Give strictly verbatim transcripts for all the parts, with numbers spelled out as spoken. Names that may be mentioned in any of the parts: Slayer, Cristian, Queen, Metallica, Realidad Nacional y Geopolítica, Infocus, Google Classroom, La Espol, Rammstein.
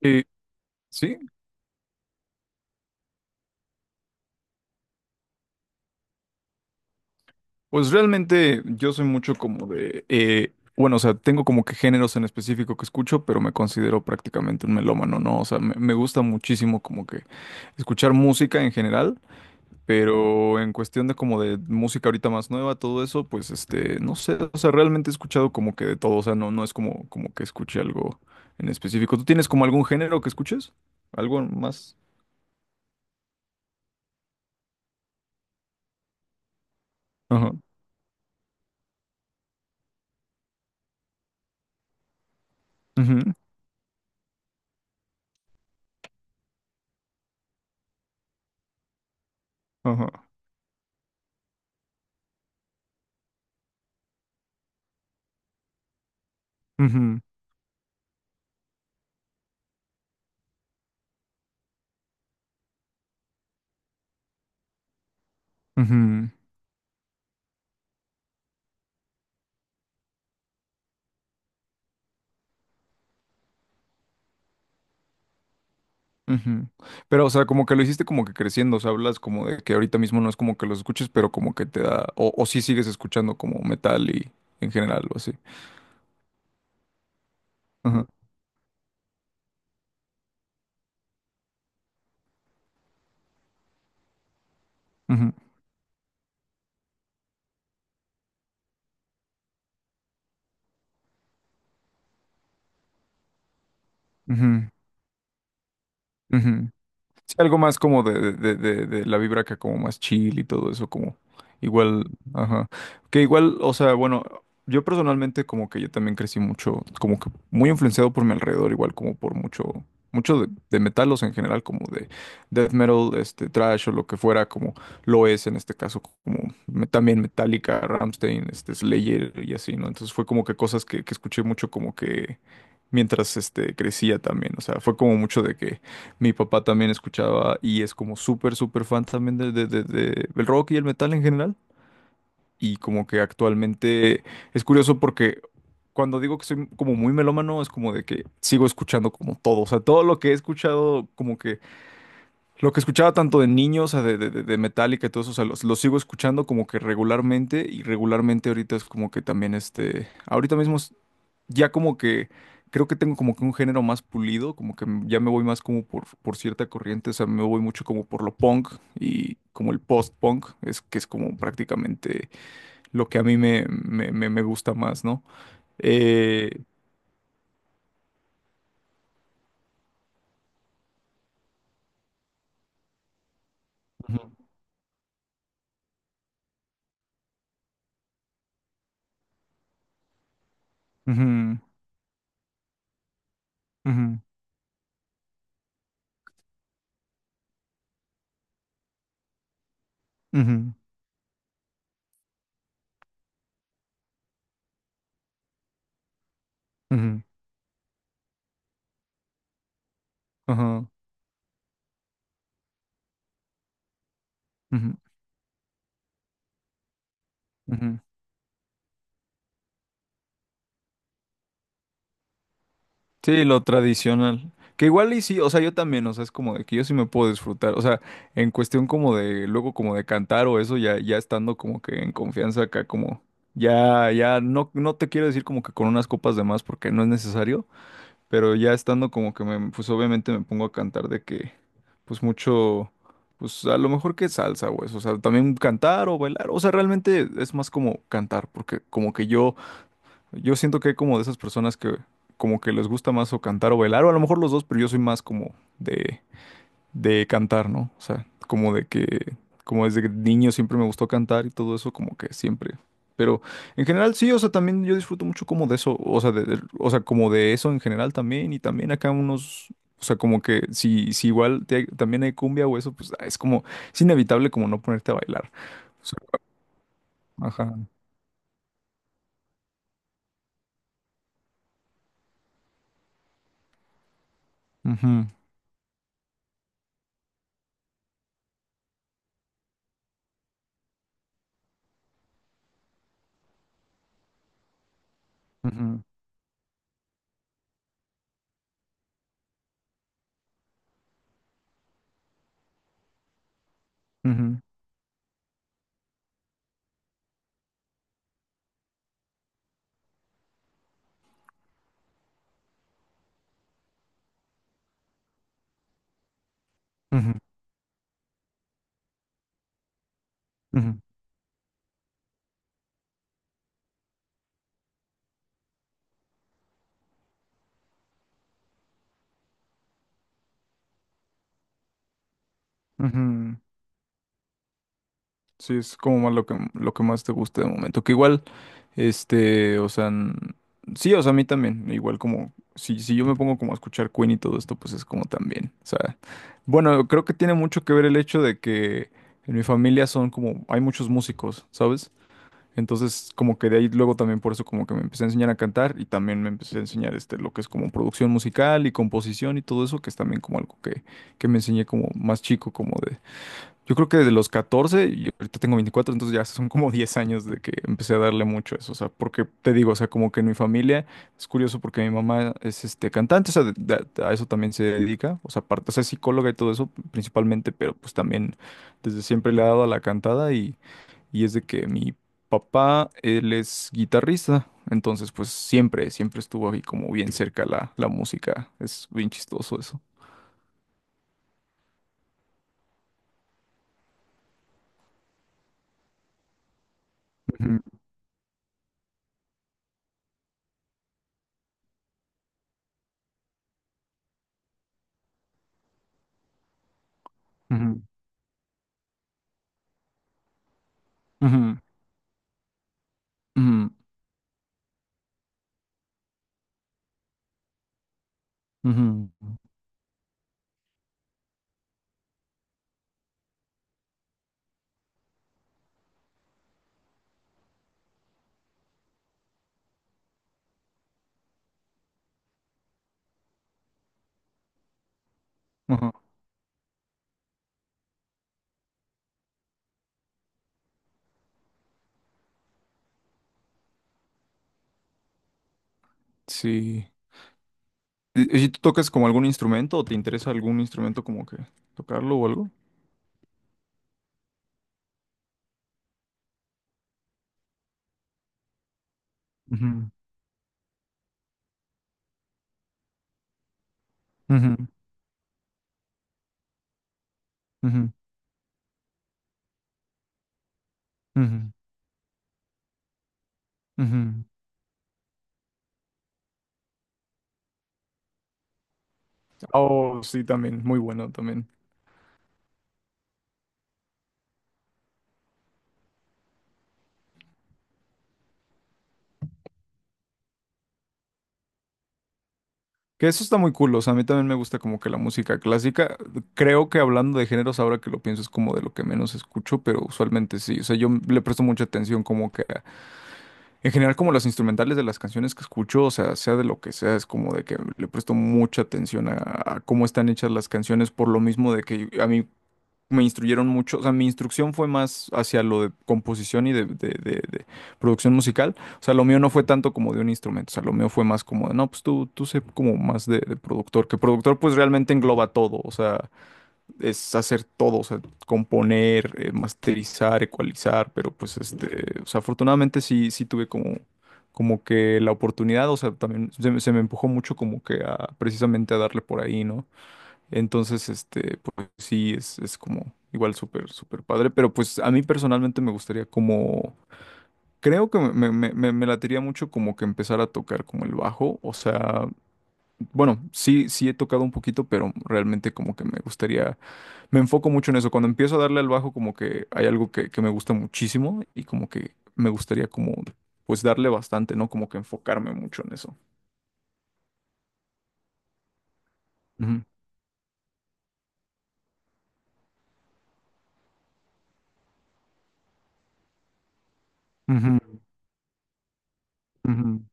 Eh, sí, pues realmente yo soy mucho como de, eh, bueno, o sea, tengo como que géneros en específico que escucho, pero me considero prácticamente un melómano, ¿no? O sea, me, me gusta muchísimo como que escuchar música en general, pero en cuestión de como de música ahorita más nueva, todo eso, pues este, no sé, o sea, realmente he escuchado como que de todo, o sea, no, no es como, como que escuche algo en específico. ¿Tú tienes como algún género que escuches? ¿Algo más? Ajá. Ujú. Ajá. Ujú, ujú. Ujú. Pero, o sea, como que lo hiciste como que creciendo, o sea, hablas como de que ahorita mismo no es como que los escuches, pero como que te da, o, o sí sigues escuchando como metal y en general o así. Ajá. Ujú, ujú, ujú. Sí, algo más como de, de, de, de- la vibra acá como más chill y todo eso, como igual, ajá. Que igual, o sea, bueno, yo personalmente como que yo también crecí mucho, como que muy influenciado por mi alrededor, igual como por mucho, mucho de, de metal, o sea en general, como de death metal, este, thrash o lo que fuera, como lo es en este caso, como me- también Metallica, Rammstein, este, Slayer y así, ¿no? Entonces fue como que cosas que, que escuché mucho como que mientras, este, crecía también, o sea, fue como mucho de que mi papá también escuchaba y es como súper, súper fan también de, de- de- de el rock y el metal en general. Y como que actualmente es curioso porque cuando digo que soy como muy melómano es como de que sigo escuchando como todo. O sea, todo lo que he escuchado, como que lo que escuchaba tanto de niños, o sea, de, de, de, de Metallica y todo eso, o sea, los- lo sigo escuchando como que regularmente y regularmente ahorita es como que también este, ahorita mismo ya como que creo que tengo como que un género más pulido, como que m- ya me voy más como por, por cierta corriente, o sea, me voy mucho como por lo punk y como el post-punk, es que es como prácticamente lo que a mí me, me, me, me gusta más, ¿no? Eh, Ujú, ujú, ujú, ujú, ujú, ajá, ujú, ujú. Sí, lo tradicional. Que igual y sí, o sea, yo también, o sea, es como de que yo sí me puedo disfrutar, o sea, en cuestión como de, luego como de cantar o eso, ya, ya estando como que en confianza acá, como, ya, ya, no, no te quiero decir como que con unas copas de más porque no es necesario, pero ya estando como que me, pues obviamente me pongo a cantar de que, pues mucho, pues a lo mejor que salsa o eso, o sea, también cantar o bailar, o sea, realmente es más como cantar, porque como que yo yo siento que hay como de esas personas que como que les gusta más o cantar o bailar, o a lo mejor los dos, pero yo soy más como de, de cantar, ¿no? O sea, como de que, como desde niño siempre me gustó cantar y todo eso, como que siempre. Pero en general sí, o sea, también yo disfruto mucho como de eso, o sea, de, de- o sea, como de eso en general también, y también acá unos, o sea, como que si, si igual te- también hay cumbia o eso, pues ah, es como, es inevitable como no ponerte a bailar. O sea, ajá. Ujú, ujú, ujú, ujú, ujú, ujú. Sí, es como más lo que, lo que más te guste de momento. Que igual, este, o sea, n- sí, o sea, a mí también. Igual como, si, si yo me pongo como a escuchar Queen y todo esto, pues es como también. O sea, bueno, creo que tiene mucho que ver el hecho de que en mi familia son como, hay muchos músicos, ¿sabes? Entonces, como que de ahí luego también por eso como que me empecé a enseñar a cantar y también me empecé a enseñar este, lo que es como producción musical y composición y todo eso, que es también como algo que, que me enseñé como más chico, como de yo creo que de los catorce y ahorita tengo veinticuatro entonces ya son como diez años de que empecé a darle mucho a eso, o sea, porque te digo, o sea, como que en mi familia es curioso porque mi mamá es este cantante, o sea, de- de- a eso también se dedica, o sea, aparte, o sea, es psicóloga y todo eso principalmente, pero pues también desde siempre le ha dado a la cantada y, y es de que mi papá, él es guitarrista, entonces pues siempre, siempre estuvo ahí como bien cerca la, la música, es bien chistoso eso. Ujú, ujú, ujú, ujú, ujú, ujú. Sí. ¿Y y tú tocas como algún instrumento o te interesa algún instrumento como que tocarlo o algo? Ujú, ujú, ujú, ujú, ujú. Oh, sí, también, muy bueno también. Que eso está muy cool, o sea, a mí también me gusta como que la música clásica. Creo que hablando de géneros, ahora que lo pienso, es como de lo que menos escucho, pero usualmente sí. O sea, yo le presto mucha atención como que a- en general como las instrumentales de las canciones que escucho, o sea, sea de lo que sea, es como de que le presto mucha atención a, a cómo están hechas las canciones, por lo mismo de que a mí me instruyeron mucho, o sea, mi instrucción fue más hacia lo de composición y de, de- de- de producción musical, o sea, lo mío no fue tanto como de un instrumento, o sea, lo mío fue más como de, no, pues tú, tú sé como más de, de productor, que productor pues realmente engloba todo, o sea, es hacer todo, o sea, componer, eh, masterizar, ecualizar, pero pues este, o sea, afortunadamente sí, sí tuve como... como que la oportunidad, o sea, también se, me se me empujó mucho como que a precisamente a darle por ahí, ¿no? Entonces, este, pues sí, es, es como igual súper, súper padre, pero pues a mí personalmente me gustaría como, creo que me, me, me, me latería mucho como que empezar a tocar como el bajo, o sea, bueno, sí, sí he tocado un poquito, pero realmente como que me gustaría, me enfoco mucho en eso, cuando empiezo a darle al bajo como que hay algo que, que me gusta muchísimo y como que me gustaría como, pues darle bastante, ¿no? Como que enfocarme mucho en eso. Ujú, ujú, ujú.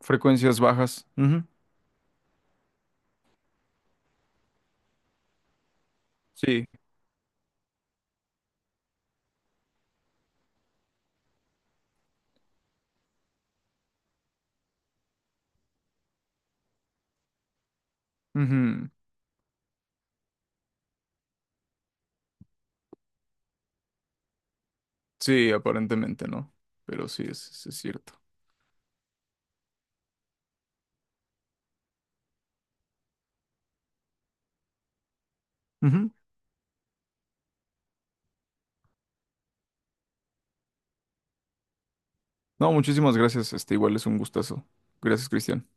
Frecuencias bajas. Ujú. Sí. Ujú. Sí, aparentemente no, pero sí es, es cierto. Ujú. No, muchísimas gracias, este igual es un gustazo. Gracias, Cristian.